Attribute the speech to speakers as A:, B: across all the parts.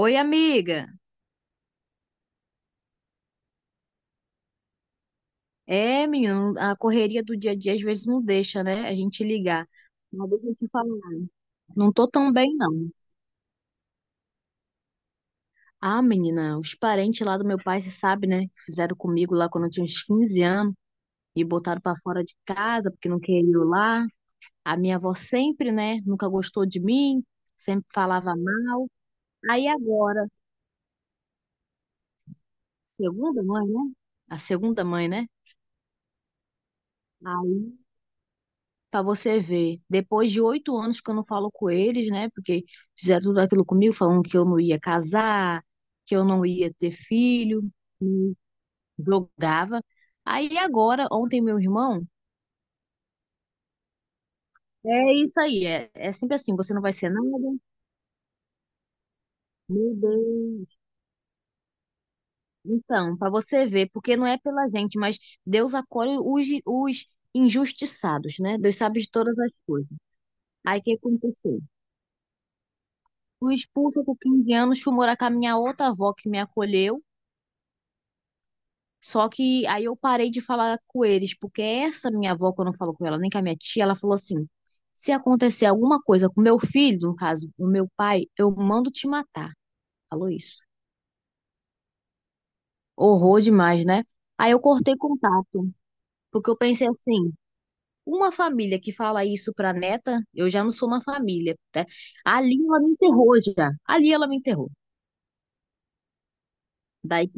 A: Oi, amiga. É, menina, a correria do dia a dia às vezes não deixa, né? A gente ligar. Mas deixa eu te falar, não tô tão bem, não. Ah, menina, os parentes lá do meu pai, você sabe, né? Que fizeram comigo lá quando eu tinha uns 15 anos e botaram pra fora de casa porque não queria ir lá. A minha avó sempre, né? Nunca gostou de mim, sempre falava mal. Aí agora, segunda mãe, né? A segunda mãe, né? Aí pra você ver, depois de 8 anos que eu não falo com eles, né? Porque fizeram tudo aquilo comigo, falando que eu não ia casar, que eu não ia ter filho, me jogava. Aí agora, ontem, meu irmão, é isso aí, é sempre assim, você não vai ser nada. Meu Deus. Então, pra você ver, porque não é pela gente, mas Deus acolhe os injustiçados, né? Deus sabe de todas as coisas. Aí o que aconteceu? Fui expulsa com 15 anos, fui morar com a minha outra avó que me acolheu. Só que aí eu parei de falar com eles, porque essa minha avó, quando eu falo com ela, nem com a minha tia, ela falou assim: se acontecer alguma coisa com meu filho, no caso, o meu pai, eu mando te matar. Falou isso. Horror demais, né? Aí eu cortei contato, porque eu pensei assim: uma família que fala isso pra neta, eu já não sou uma família, né? Ali ela me enterrou já. Ali ela me enterrou. Daí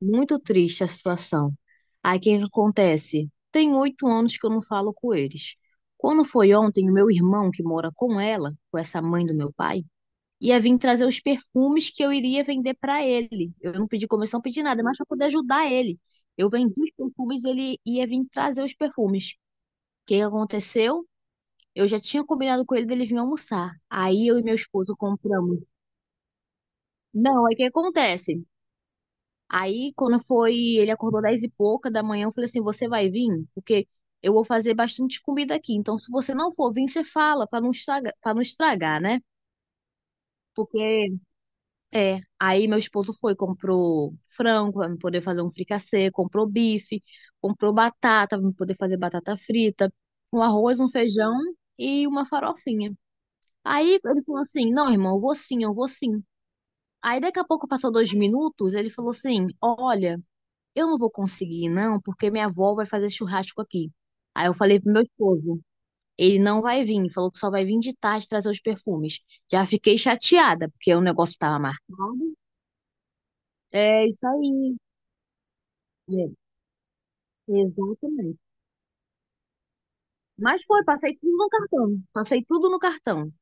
A: muito triste a situação. Aí o que que acontece? Tem 8 anos que eu não falo com eles. Quando foi ontem, o meu irmão, que mora com ela, com essa mãe do meu pai, ia vir trazer os perfumes que eu iria vender para ele. Eu não pedi comissão, não pedi nada, mas para poder ajudar ele. Eu vendi os perfumes, ele ia vir trazer os perfumes. O que que aconteceu? Eu já tinha combinado com ele dele vir almoçar. Aí eu e meu esposo compramos. Não, aí o que acontece? Aí, quando foi, ele acordou 10 e pouca da manhã, eu falei assim, você vai vir? Porque eu vou fazer bastante comida aqui. Então, se você não for vir, você fala, para não estragar, né? Porque, aí meu esposo foi, comprou frango para poder fazer um fricassê, comprou bife, comprou batata para poder fazer batata frita, um arroz, um feijão e uma farofinha. Aí ele falou assim, não, irmão, eu vou sim, eu vou sim. Aí daqui a pouco passou 2 minutos, ele falou assim, olha, eu não vou conseguir, não, porque minha avó vai fazer churrasco aqui. Aí eu falei pro meu esposo, ele não vai vir, falou que só vai vir de tarde trazer os perfumes. Já fiquei chateada, porque o negócio tava marcado. É isso aí. É, exatamente. Mas foi, passei tudo no cartão. Passei tudo no cartão.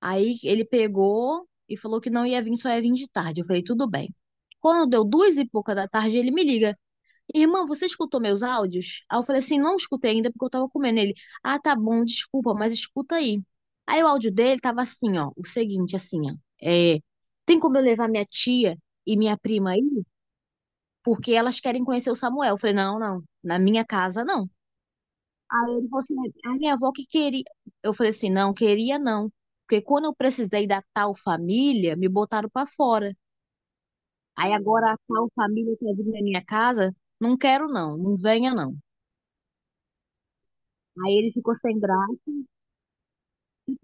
A: Aí ele pegou e falou que não ia vir, só ia vir de tarde. Eu falei, tudo bem. Quando deu 2 e pouca da tarde, ele me liga. Irmã, você escutou meus áudios? Aí eu falei assim, não escutei ainda porque eu tava comendo ele. Ah, tá bom, desculpa, mas escuta aí. Aí o áudio dele tava assim, ó, o seguinte, assim, ó, é, tem como eu levar minha tia e minha prima aí? Porque elas querem conhecer o Samuel. Eu falei, não, não, na minha casa não. Aí ele falou assim, a minha avó que queria. Eu falei assim, não, queria não. Porque quando eu precisei da tal família, me botaram pra fora. Aí agora a tal família quer vir na minha casa, não quero não, não venha não. Aí ele ficou sem graça.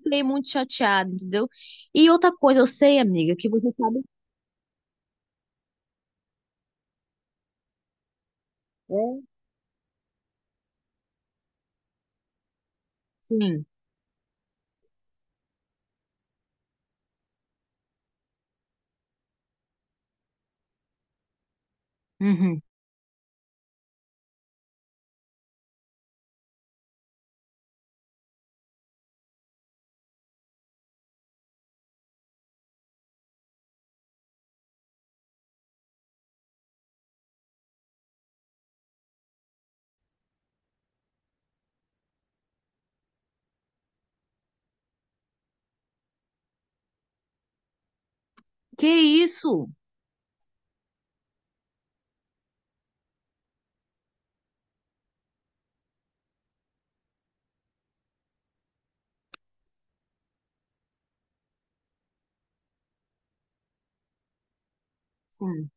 A: Fiquei muito chateado, entendeu? E outra coisa, eu sei, amiga, que você sabe. É, sim. Uhum. Que isso? Sim.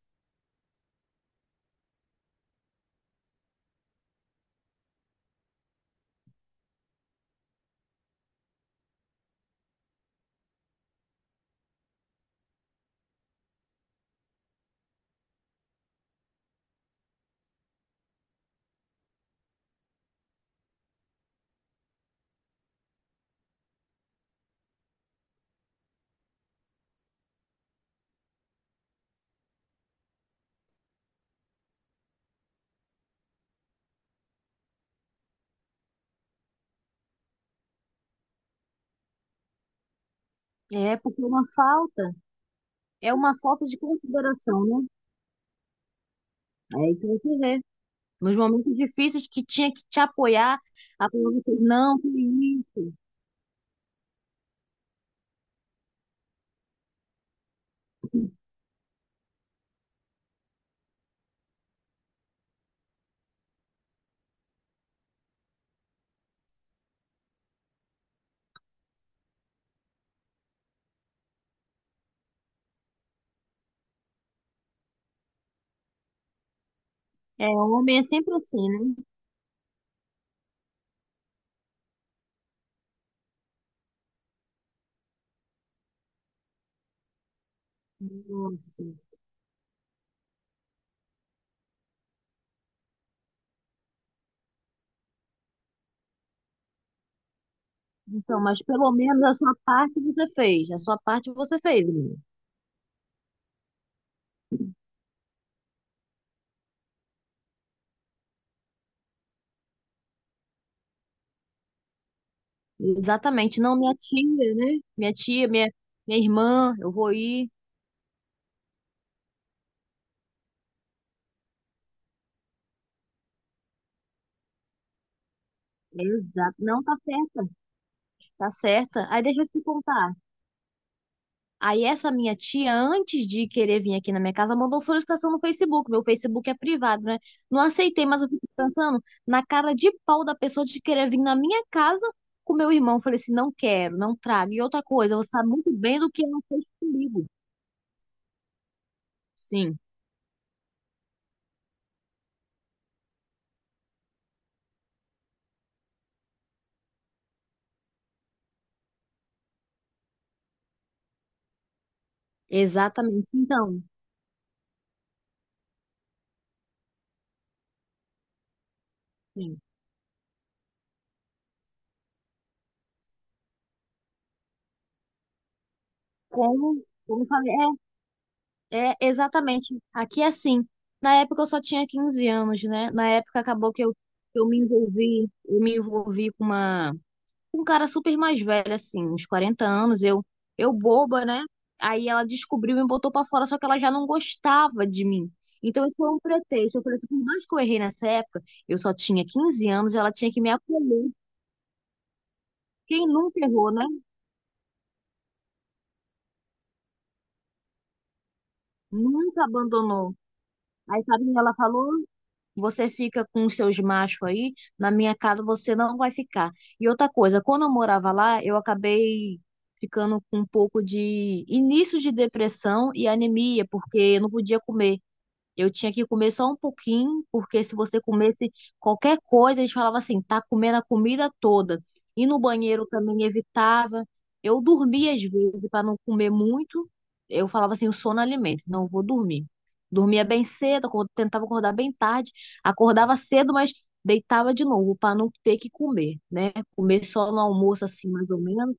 A: É porque é uma falta de consideração, né? É aí que você vê. Nos momentos difíceis que tinha que te apoiar, a pessoa disse, não, que isso. É, homem é sempre assim, né? Nossa. Então, mas pelo menos a sua parte você fez. A sua parte você fez, amiga. Exatamente, não minha tia, né? Minha tia, minha irmã, eu vou ir. Exato. Não, tá certa, tá certa. Aí deixa eu te contar. Aí essa minha tia, antes de querer vir aqui na minha casa, mandou solicitação no Facebook. Meu Facebook é privado, né? Não aceitei, mas eu fico pensando na cara de pau da pessoa de querer vir na minha casa com meu irmão. Eu falei assim, não quero, não trago. E outra coisa, você sabe muito bem do que ela fez comigo. Sim, exatamente. Então, sim. Como eu falei, é, exatamente. Aqui é assim. Na época eu só tinha 15 anos, né? Na época acabou que eu, eu me envolvi com um cara super mais velho, assim, uns 40 anos. Eu boba, né? Aí ela descobriu e me botou pra fora, só que ela já não gostava de mim. Então isso foi um pretexto. Eu falei assim, por mais que eu errei nessa época, eu só tinha 15 anos, ela tinha que me acolher. Quem nunca errou, né? Nunca abandonou. Aí sabe o que ela falou? Você fica com os seus machos aí, na minha casa você não vai ficar. E outra coisa, quando eu morava lá, eu acabei ficando com um pouco de início de depressão e anemia, porque eu não podia comer. Eu tinha que comer só um pouquinho, porque se você comesse qualquer coisa, eles falavam assim, tá comendo a comida toda. E no banheiro também evitava. Eu dormia às vezes para não comer muito. Eu falava assim, o sono alimenta, não vou dormir. Dormia bem cedo, tentava acordar bem tarde, acordava cedo, mas deitava de novo para não ter que comer, né? Comer só no almoço assim, mais ou menos.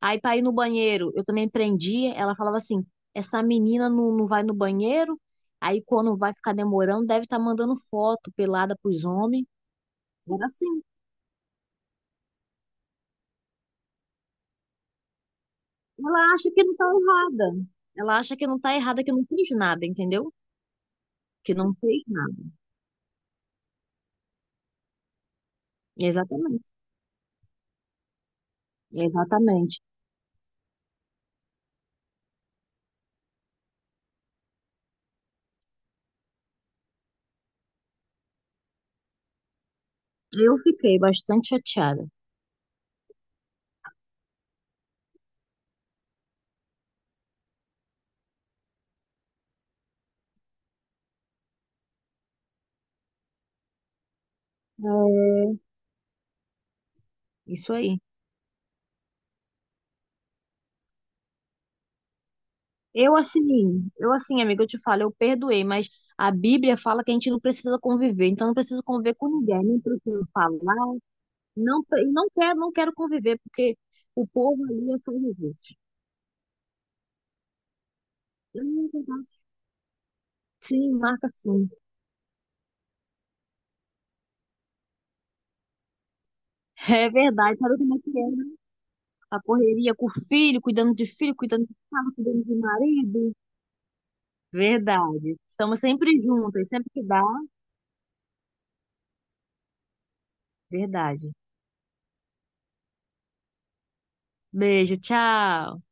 A: Aí pra ir no banheiro, eu também prendia. Ela falava assim: essa menina não, não vai no banheiro, aí quando vai ficar demorando, deve estar mandando foto pelada pros homens. Era assim. Ela acha que não tá errada. Ela acha que não tá errada, que não fez nada, entendeu? Que não fez nada. Exatamente. Exatamente. Eu fiquei bastante chateada. É, isso aí. Eu assim, amiga, eu te falo, eu perdoei, mas a Bíblia fala que a gente não precisa conviver, então eu não preciso conviver com ninguém, nem preciso falar, não, não quero, não quero conviver, porque o povo ali é só Jesus. Verdade. Sim, marca sim. É verdade, sabe como é que é, né? A correria com o filho, cuidando de casa, cuidando de marido. Verdade. Estamos sempre juntas, sempre que dá. Verdade. Beijo, tchau.